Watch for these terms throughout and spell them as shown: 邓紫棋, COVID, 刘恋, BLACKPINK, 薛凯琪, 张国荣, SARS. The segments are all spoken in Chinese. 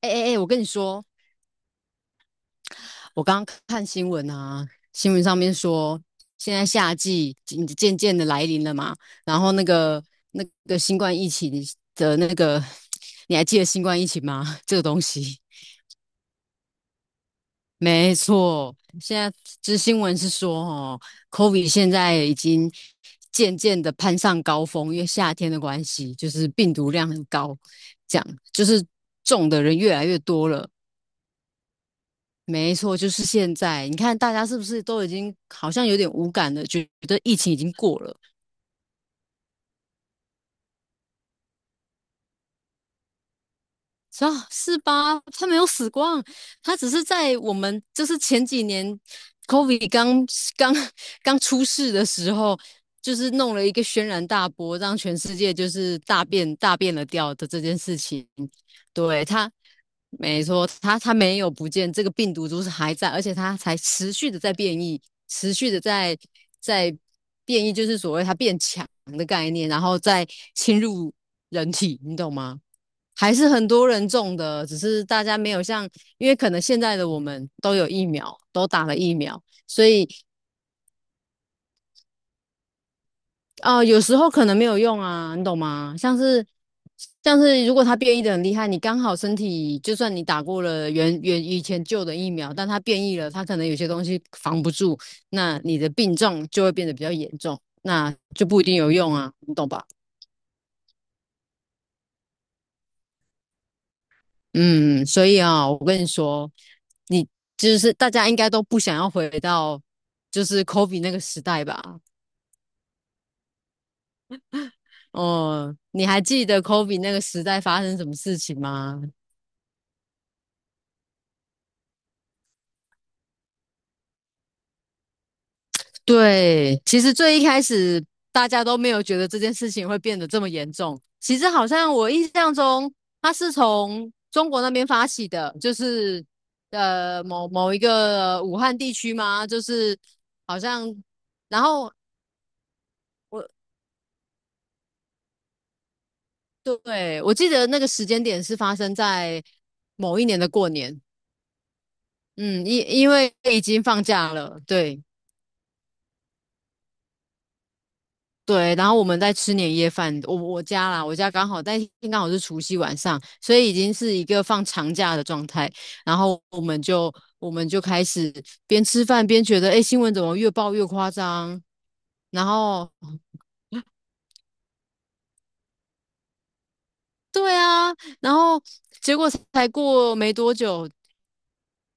哎哎哎，我跟你说，我刚刚看新闻啊，新闻上面说，现在夏季渐渐的来临了嘛，然后那个新冠疫情的那个，你还记得新冠疫情吗？这个东西，没错，现在这新闻是说，哦，COVID 现在已经渐渐的攀上高峰，因为夏天的关系，就是病毒量很高，这样就是中的人越来越多了。没错，就是现在。你看，大家是不是都已经好像有点无感了，觉得疫情已经过了？啊，是吧？他没有死光，他只是在我们就是前几年 COVID 刚刚出世的时候，就是弄了一个轩然大波，让全世界就是大变了调的这件事情。对，没错，他没有不见，这个病毒株是还在，而且它才持续的在变异，持续的在在变异，就是所谓它变强的概念，然后再侵入人体，你懂吗？还是很多人中的，只是大家没有像，因为可能现在的我们都有疫苗，都打了疫苗，所以有时候可能没有用啊，你懂吗？像是如果它变异的很厉害，你刚好身体就算你打过了以前旧的疫苗，但它变异了，它可能有些东西防不住，那你的病症就会变得比较严重，那就不一定有用啊，你懂吧？嗯，所以啊，我跟你说，你就是大家应该都不想要回到就是 Kobe 那个时代吧？哦，你还记得 Kobe 那个时代发生什么事情吗？对，其实最一开始大家都没有觉得这件事情会变得这么严重。其实好像我印象中，它是从中国那边发起的，就是某一个武汉地区嘛，就是好像，然后我，对，我记得那个时间点是发生在某一年的过年，嗯，因为已经放假了，对对，然后我们在吃年夜饭，我家啦，我家刚好是除夕晚上，所以已经是一个放长假的状态，然后我们就开始边吃饭边觉得，哎，新闻怎么越报越夸张，然后 对啊，然后结果才过没多久，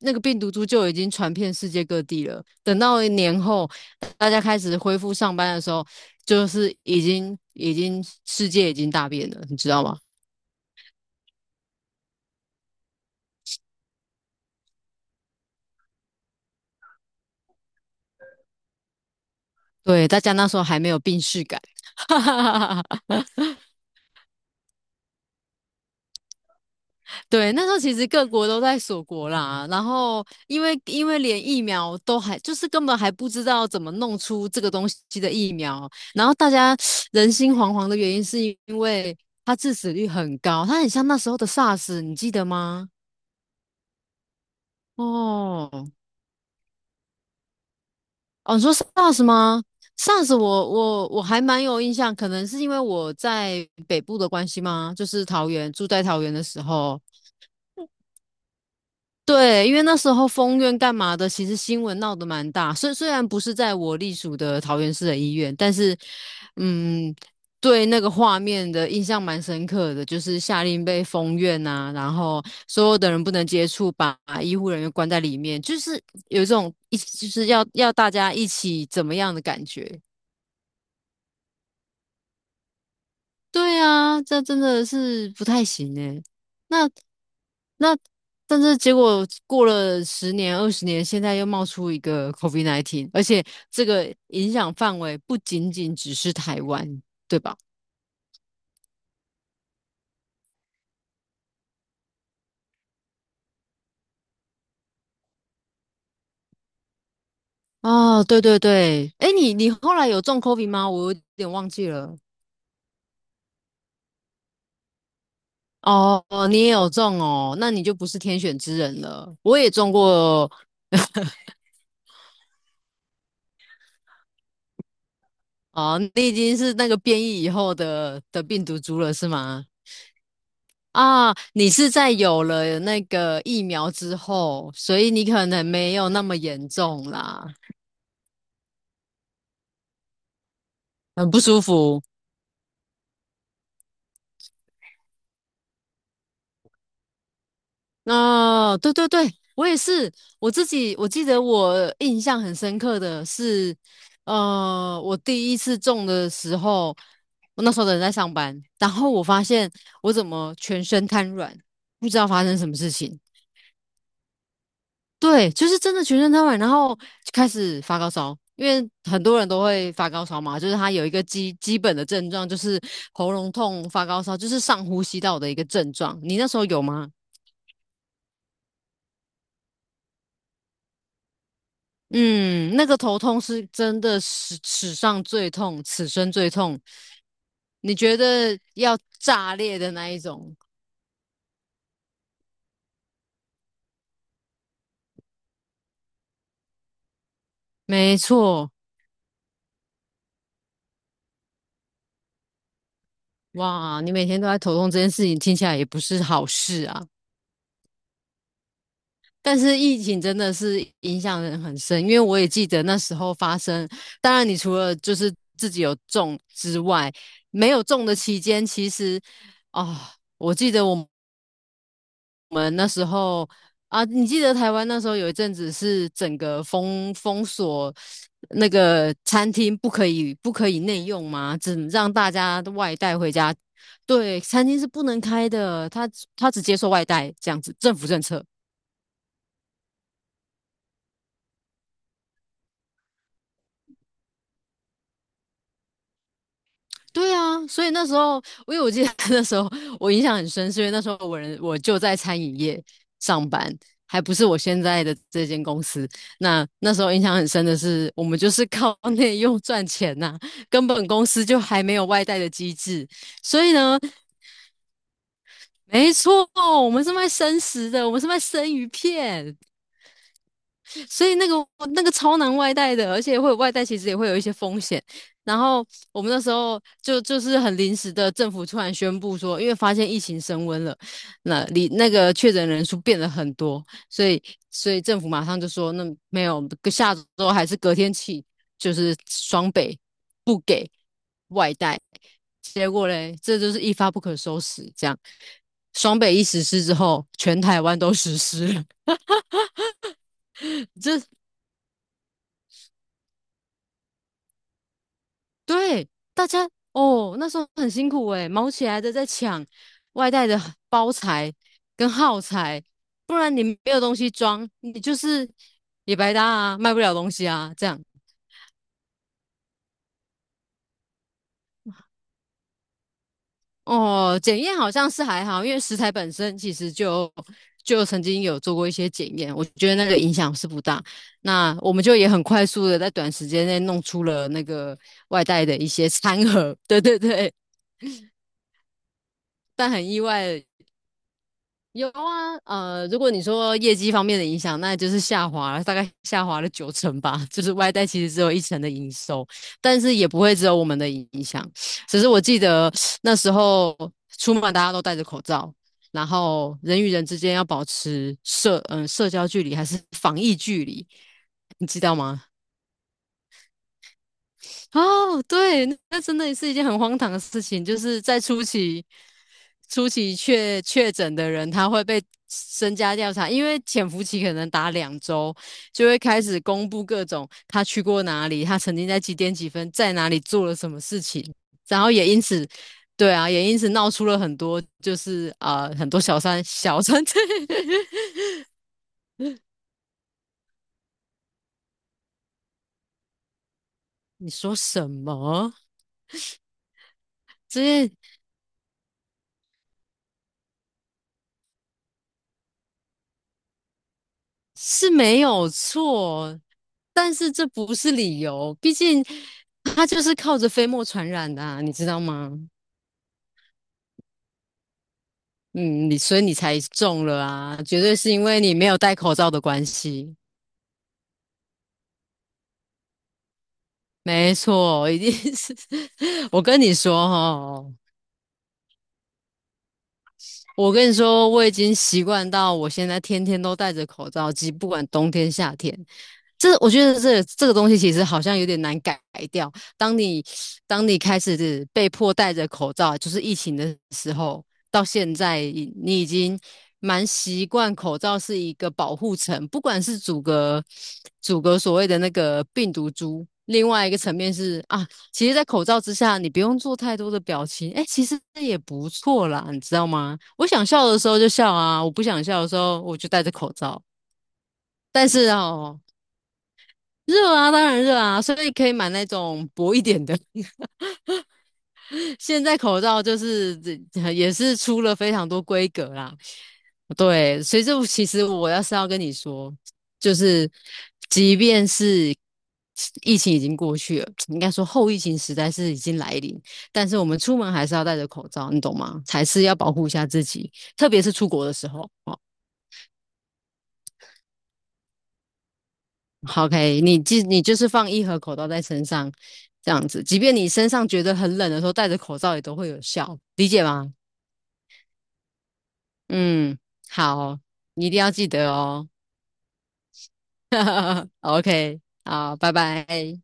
那个病毒株就已经传遍世界各地了。等到年后大家开始恢复上班的时候，就是已经世界已经大变了，你知道吗？对，大家那时候还没有病逝感。哈，对，那时候其实各国都在锁国啦，然后因为连疫苗都还就是根本还不知道怎么弄出这个东西的疫苗，然后大家人心惶惶的原因是因为它致死率很高，它很像那时候的 SARS，你记得吗？哦，哦，你说 SARS 吗？SARS 我还蛮有印象，可能是因为我在北部的关系吗？就是桃园，住在桃园的时候，对，因为那时候封院干嘛的，其实新闻闹得蛮大。虽然不是在我隶属的桃园市的医院，但是，嗯，对那个画面的印象蛮深刻的，就是下令被封院啊，然后所有的人不能接触，把医护人员关在里面，就是有一种一起就是要大家一起怎么样的感觉。对啊，这真的是不太行诶。那那但是结果过了十年、20年，现在又冒出一个 COVID-19，而且这个影响范围不仅仅只是台湾，对吧？哦，对对对，哎，你后来有中 COVID 吗？我有点忘记了。哦，你也有中哦，那你就不是天选之人了。我也中过哦，你已经是那个变异以后的病毒株了，是吗？啊，你是在有了那个疫苗之后，所以你可能没有那么严重啦，很不舒服。哦，对对对，我也是，我自己我记得我印象很深刻的是，我第一次种的时候，我那时候的人在上班，然后我发现我怎么全身瘫软，不知道发生什么事情。对，就是真的全身瘫痪，然后就开始发高烧，因为很多人都会发高烧嘛，就是他有一个基本的症状，就是喉咙痛、发高烧，就是上呼吸道的一个症状。你那时候有吗？嗯，那个头痛是真的史上最痛，此生最痛。你觉得要炸裂的那一种？没错，哇，你每天都在头痛这件事情，听起来也不是好事啊。但是疫情真的是影响人很深，因为我也记得那时候发生。当然，你除了就是自己有中之外，没有中的期间，其实啊、我记得我们那时候啊，你记得台湾那时候有一阵子是整个封锁那个餐厅不可以内用吗？只能让大家外带回家。对，餐厅是不能开的，他只接受外带这样子，政府政策。对啊，所以那时候，因为我记得 那时候我印象很深，是因为那时候我就在餐饮业上班，还不是我现在的这间公司。那时候印象很深的是，我们就是靠内用赚钱呐、根本公司就还没有外带的机制。所以呢，没错，我们是卖生食的，我们是卖生鱼片。所以那个超难外带的，而且会有外带，其实也会有一些风险。然后我们那时候就是很临时的，政府突然宣布说，因为发现疫情升温了，那里那个确诊人数变了很多，所以所以政府马上就说，那没有，下周还是隔天起，就是双北不给外带。结果嘞，这就是一发不可收拾，这样。双北一实施之后，全台湾都实施了，这对，大家哦，那时候很辛苦诶，忙起来的在抢外带的包材跟耗材，不然你没有东西装，你就是也白搭啊，卖不了东西啊，这样。哦，检验好像是还好，因为食材本身其实就曾经有做过一些检验，我觉得那个影响是不大。那我们就也很快速的在短时间内弄出了那个外带的一些餐盒，对对对，但很意外。有啊，如果你说业绩方面的影响，那就是下滑了，大概下滑了九成吧。就是外带其实只有一成的营收，但是也不会只有我们的影响。只是我记得那时候出门大家都戴着口罩，然后人与人之间要保持社交距离还是防疫距离，你知道吗？哦，对，那那真的是一件很荒唐的事情，就是在初期，初期确诊的人，他会被身家调查，因为潜伏期可能打2周，就会开始公布各种他去过哪里，他曾经在几点几分在哪里做了什么事情，然后也因此，对啊，也因此闹出了很多，就是啊、很多小三，你说什么？这些是没有错，但是这不是理由，毕竟它就是靠着飞沫传染的啊，你知道吗？嗯，所以你才中了啊，绝对是因为你没有戴口罩的关系。没错，一定是。我跟你说哈、我跟你说，我已经习惯到我现在天天都戴着口罩，即不管冬天夏天。这我觉得这个东西其实好像有点难改掉。当你当你开始是被迫戴着口罩，就是疫情的时候，到现在你已经蛮习惯口罩是一个保护层，不管是阻隔所谓的那个病毒株，另外一个层面是啊，其实，在口罩之下，你不用做太多的表情，哎、其实也不错啦，你知道吗？我想笑的时候就笑啊，我不想笑的时候我就戴着口罩。但是哦，热啊，当然热啊，所以可以买那种薄一点的，现在口罩就是这也是出了非常多规格啦。对，所以这其实我是要跟你说，就是即便是疫情已经过去了，应该说后疫情时代是已经来临，但是我们出门还是要戴着口罩，你懂吗？才是要保护一下自己，特别是出国的时候。哦，好，OK，你就是放一盒口罩在身上，这样子，即便你身上觉得很冷的时候，戴着口罩也都会有效，理解吗？嗯，好，你一定要记得哦。OK，好，拜拜。